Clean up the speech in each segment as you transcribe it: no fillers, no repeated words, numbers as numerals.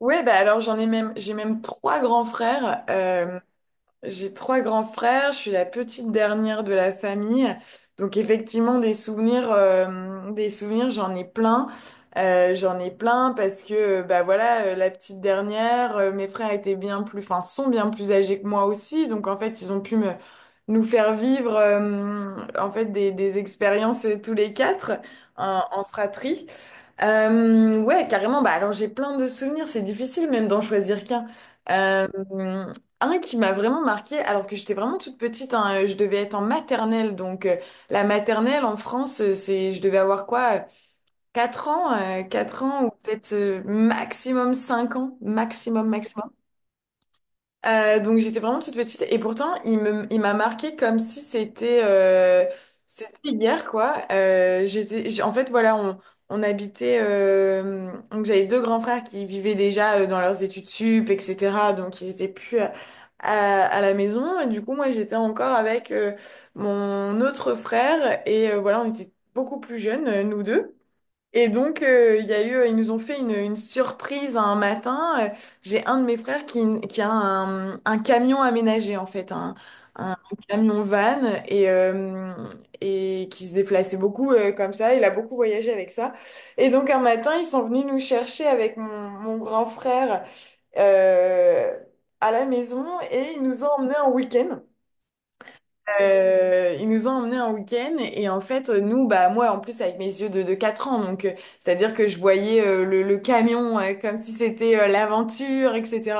Ouais, bah alors j'ai même trois grands frères. J'ai trois grands frères, je suis la petite dernière de la famille. Donc effectivement, des souvenirs, j'en ai plein. J'en ai plein parce que, bah voilà, la petite dernière, mes frères étaient bien plus, enfin, sont bien plus âgés que moi aussi. Donc en fait, ils ont pu nous faire vivre, en fait, des expériences tous les quatre en fratrie. Ouais, carrément. Bah, alors j'ai plein de souvenirs, c'est difficile même d'en choisir qu'un. Euh, un qui m'a vraiment marqué, alors que j'étais vraiment toute petite, hein, je devais être en maternelle. Donc la maternelle en France, c'est, je devais avoir quoi, 4 ans ou peut-être maximum 5 ans, maximum, maximum. Donc j'étais vraiment toute petite et pourtant il m'a marqué comme si c'était hier quoi. En fait voilà on habitait donc j'avais deux grands frères qui vivaient déjà dans leurs études sup etc. Donc ils étaient plus à la maison et du coup moi j'étais encore avec mon autre frère et voilà, on était beaucoup plus jeunes nous deux. Et donc, il y a eu, ils nous ont fait une surprise un matin. J'ai un de mes frères qui a un camion aménagé, en fait, un camion van, et, euh, et qui se déplaçait beaucoup comme ça. Il a beaucoup voyagé avec ça. Et donc, un matin, ils sont venus nous chercher avec mon grand frère euh, à la maison et ils nous ont emmenés en week-end. Il nous a emmenés un week-end et en fait nous, bah moi en plus avec mes yeux de 4 ans, donc c'est-à-dire que je voyais le camion comme si c'était l'aventure etc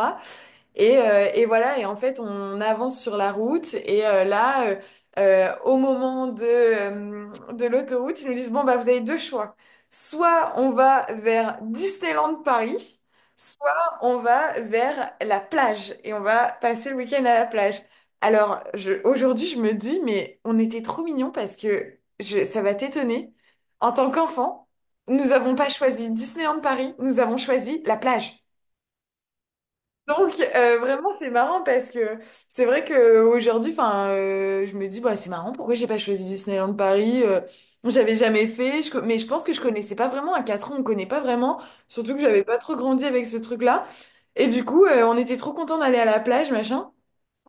et voilà, et en fait, on avance sur la route. Et là, au moment de l'autoroute, ils nous disent, bon, bah, vous avez deux choix. Soit on va vers Disneyland Paris, soit on va vers la plage et on va passer le week-end à la plage. Alors, aujourd'hui, je me dis, mais on était trop mignons parce que, ça va t'étonner. En tant qu'enfant, nous n'avons pas choisi Disneyland Paris, nous avons choisi la plage. Donc vraiment c'est marrant parce que c'est vrai que aujourd'hui, enfin je me dis, bah c'est marrant, pourquoi j'ai pas choisi Disneyland Paris. J'avais jamais fait, mais je pense que je connaissais pas vraiment. À 4 ans on connaît pas vraiment, surtout que j'avais pas trop grandi avec ce truc-là, et du coup on était trop contents d'aller à la plage, machin,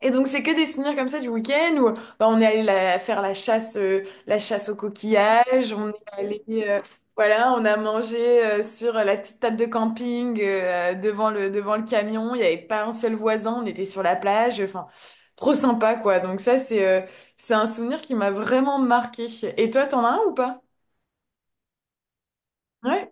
et donc c'est que des souvenirs comme ça du week-end où, bah, on est allé faire la chasse aux coquillages, on est allé, euh, voilà, on a mangé sur la petite table de camping devant le camion, il n'y avait pas un seul voisin, on était sur la plage, enfin trop sympa quoi. Donc ça, c'est un souvenir qui m'a vraiment marqué. Et toi, t'en as un ou pas? Ouais.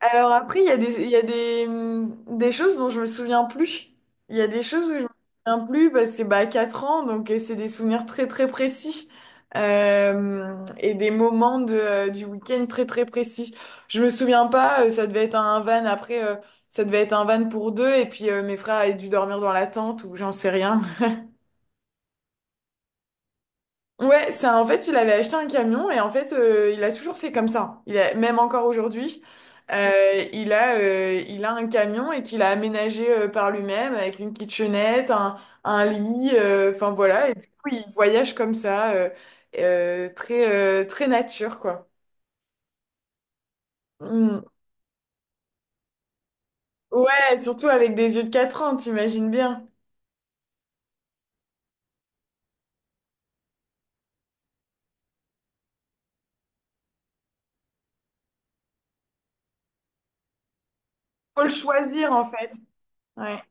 Alors après, il y a des, des choses dont je me souviens plus. Il y a des choses où je me souviens plus parce que bah 4 ans, donc c'est des souvenirs très très précis. Et des moments du week-end très très précis. Je me souviens pas, ça devait être un van après, ça devait être un van pour deux et puis mes frères avaient dû dormir dans la tente ou j'en sais rien. Ouais, ça, en fait, il avait acheté un camion et en fait, il a toujours fait comme ça. Il a, même encore aujourd'hui, il a un camion et qu'il a aménagé par lui-même avec une kitchenette, un lit, enfin voilà. Et du coup, il voyage comme ça, très, très nature, quoi. Mm. Ouais, surtout avec des yeux de 4 ans, t'imagines bien. Faut le choisir, en fait. Ouais.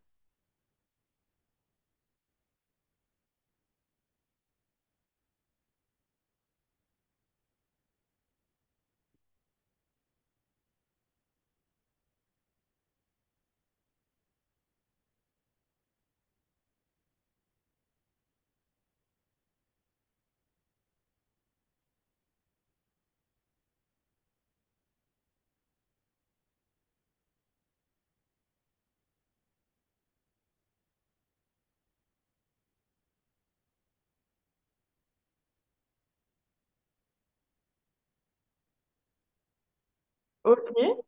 Ok. Il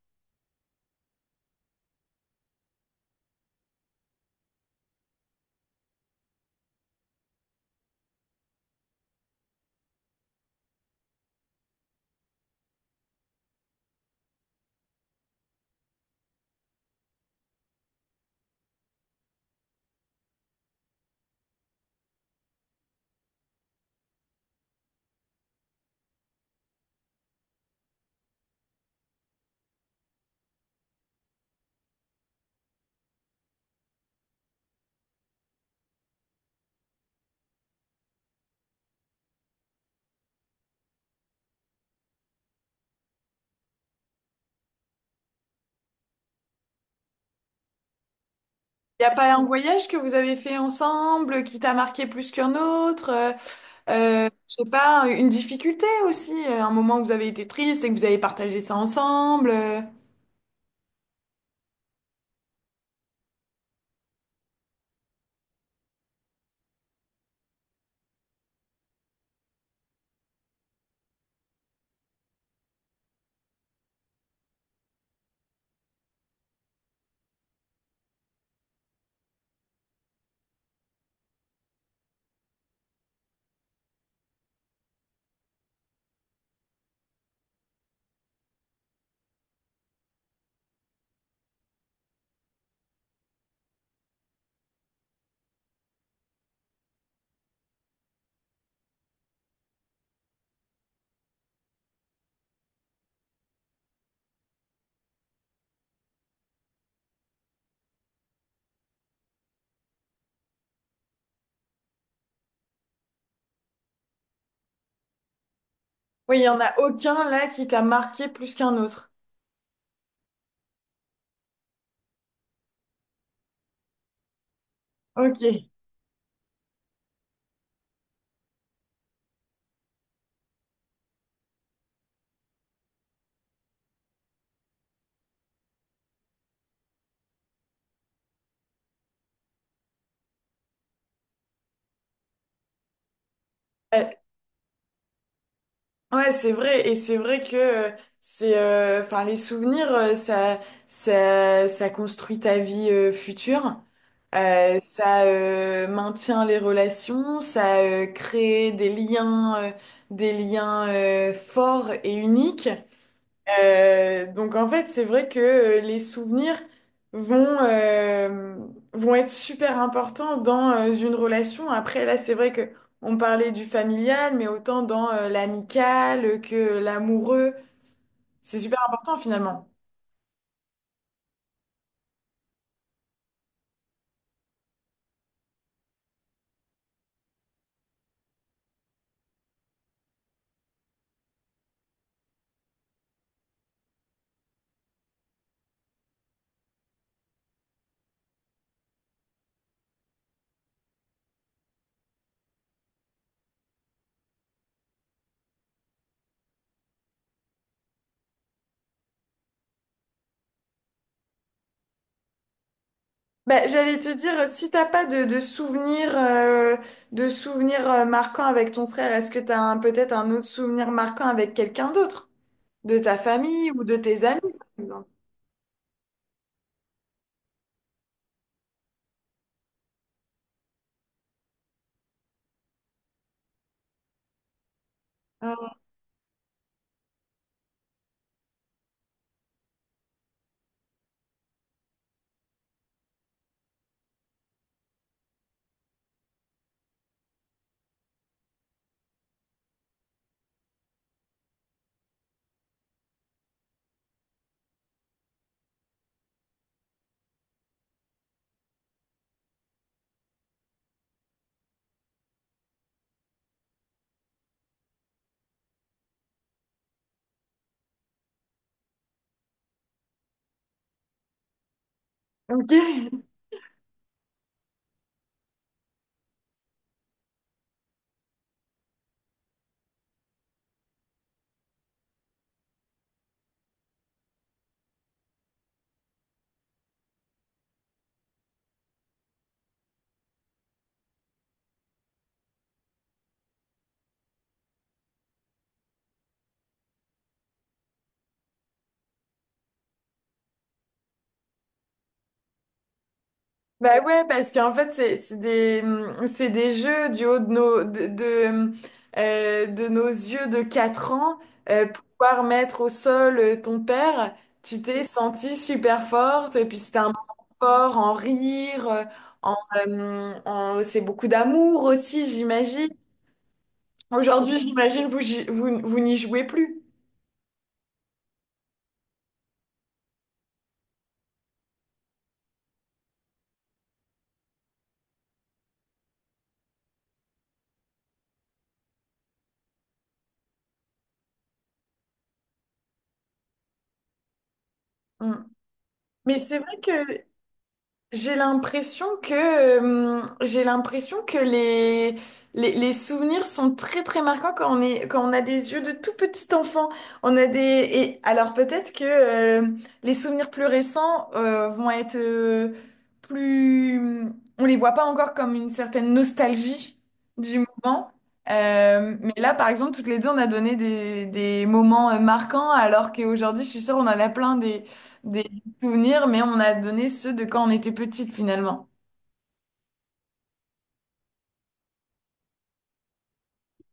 n'y a pas un voyage que vous avez fait ensemble qui t'a marqué plus qu'un autre? Je sais pas, une difficulté aussi, un moment où vous avez été triste et que vous avez partagé ça ensemble. Oui, il y en a aucun là qui t'a marqué plus qu'un autre. Ok. Euh, ouais, c'est vrai, et c'est vrai que enfin, les souvenirs, ça construit ta vie future. Ça maintient les relations, ça crée des liens forts et uniques. Donc en fait, c'est vrai que les souvenirs vont, euh, vont être super importants dans une relation. Après, là, c'est vrai que on parlait du familial, mais autant dans l'amical que l'amoureux. C'est super important finalement. Bah, j'allais te dire, si t'as pas de souvenirs marquants avec ton frère, est-ce que peut-être un autre souvenir marquant avec quelqu'un d'autre? De ta famille ou de tes amis, par exemple? Ah, ok. Bah ouais, parce qu'en fait, c'est des jeux du haut de de nos yeux de 4 ans. Pouvoir mettre au sol ton père, tu t'es sentie super forte. Et puis c'était un moment fort en rire, en, c'est beaucoup d'amour aussi, j'imagine. Aujourd'hui, j'imagine, vous n'y jouez plus. Hum. Mais c'est vrai que j'ai l'impression que les souvenirs sont très très marquants quand on a des yeux de tout petit enfant. Et alors peut-être que, les souvenirs plus récents, vont être, plus, on les voit pas encore comme une certaine nostalgie du moment. Mais là, par exemple, toutes les deux, on a donné des moments marquants, alors qu'aujourd'hui, je suis sûre, on en a plein souvenirs, mais on a donné ceux de quand on était petite finalement.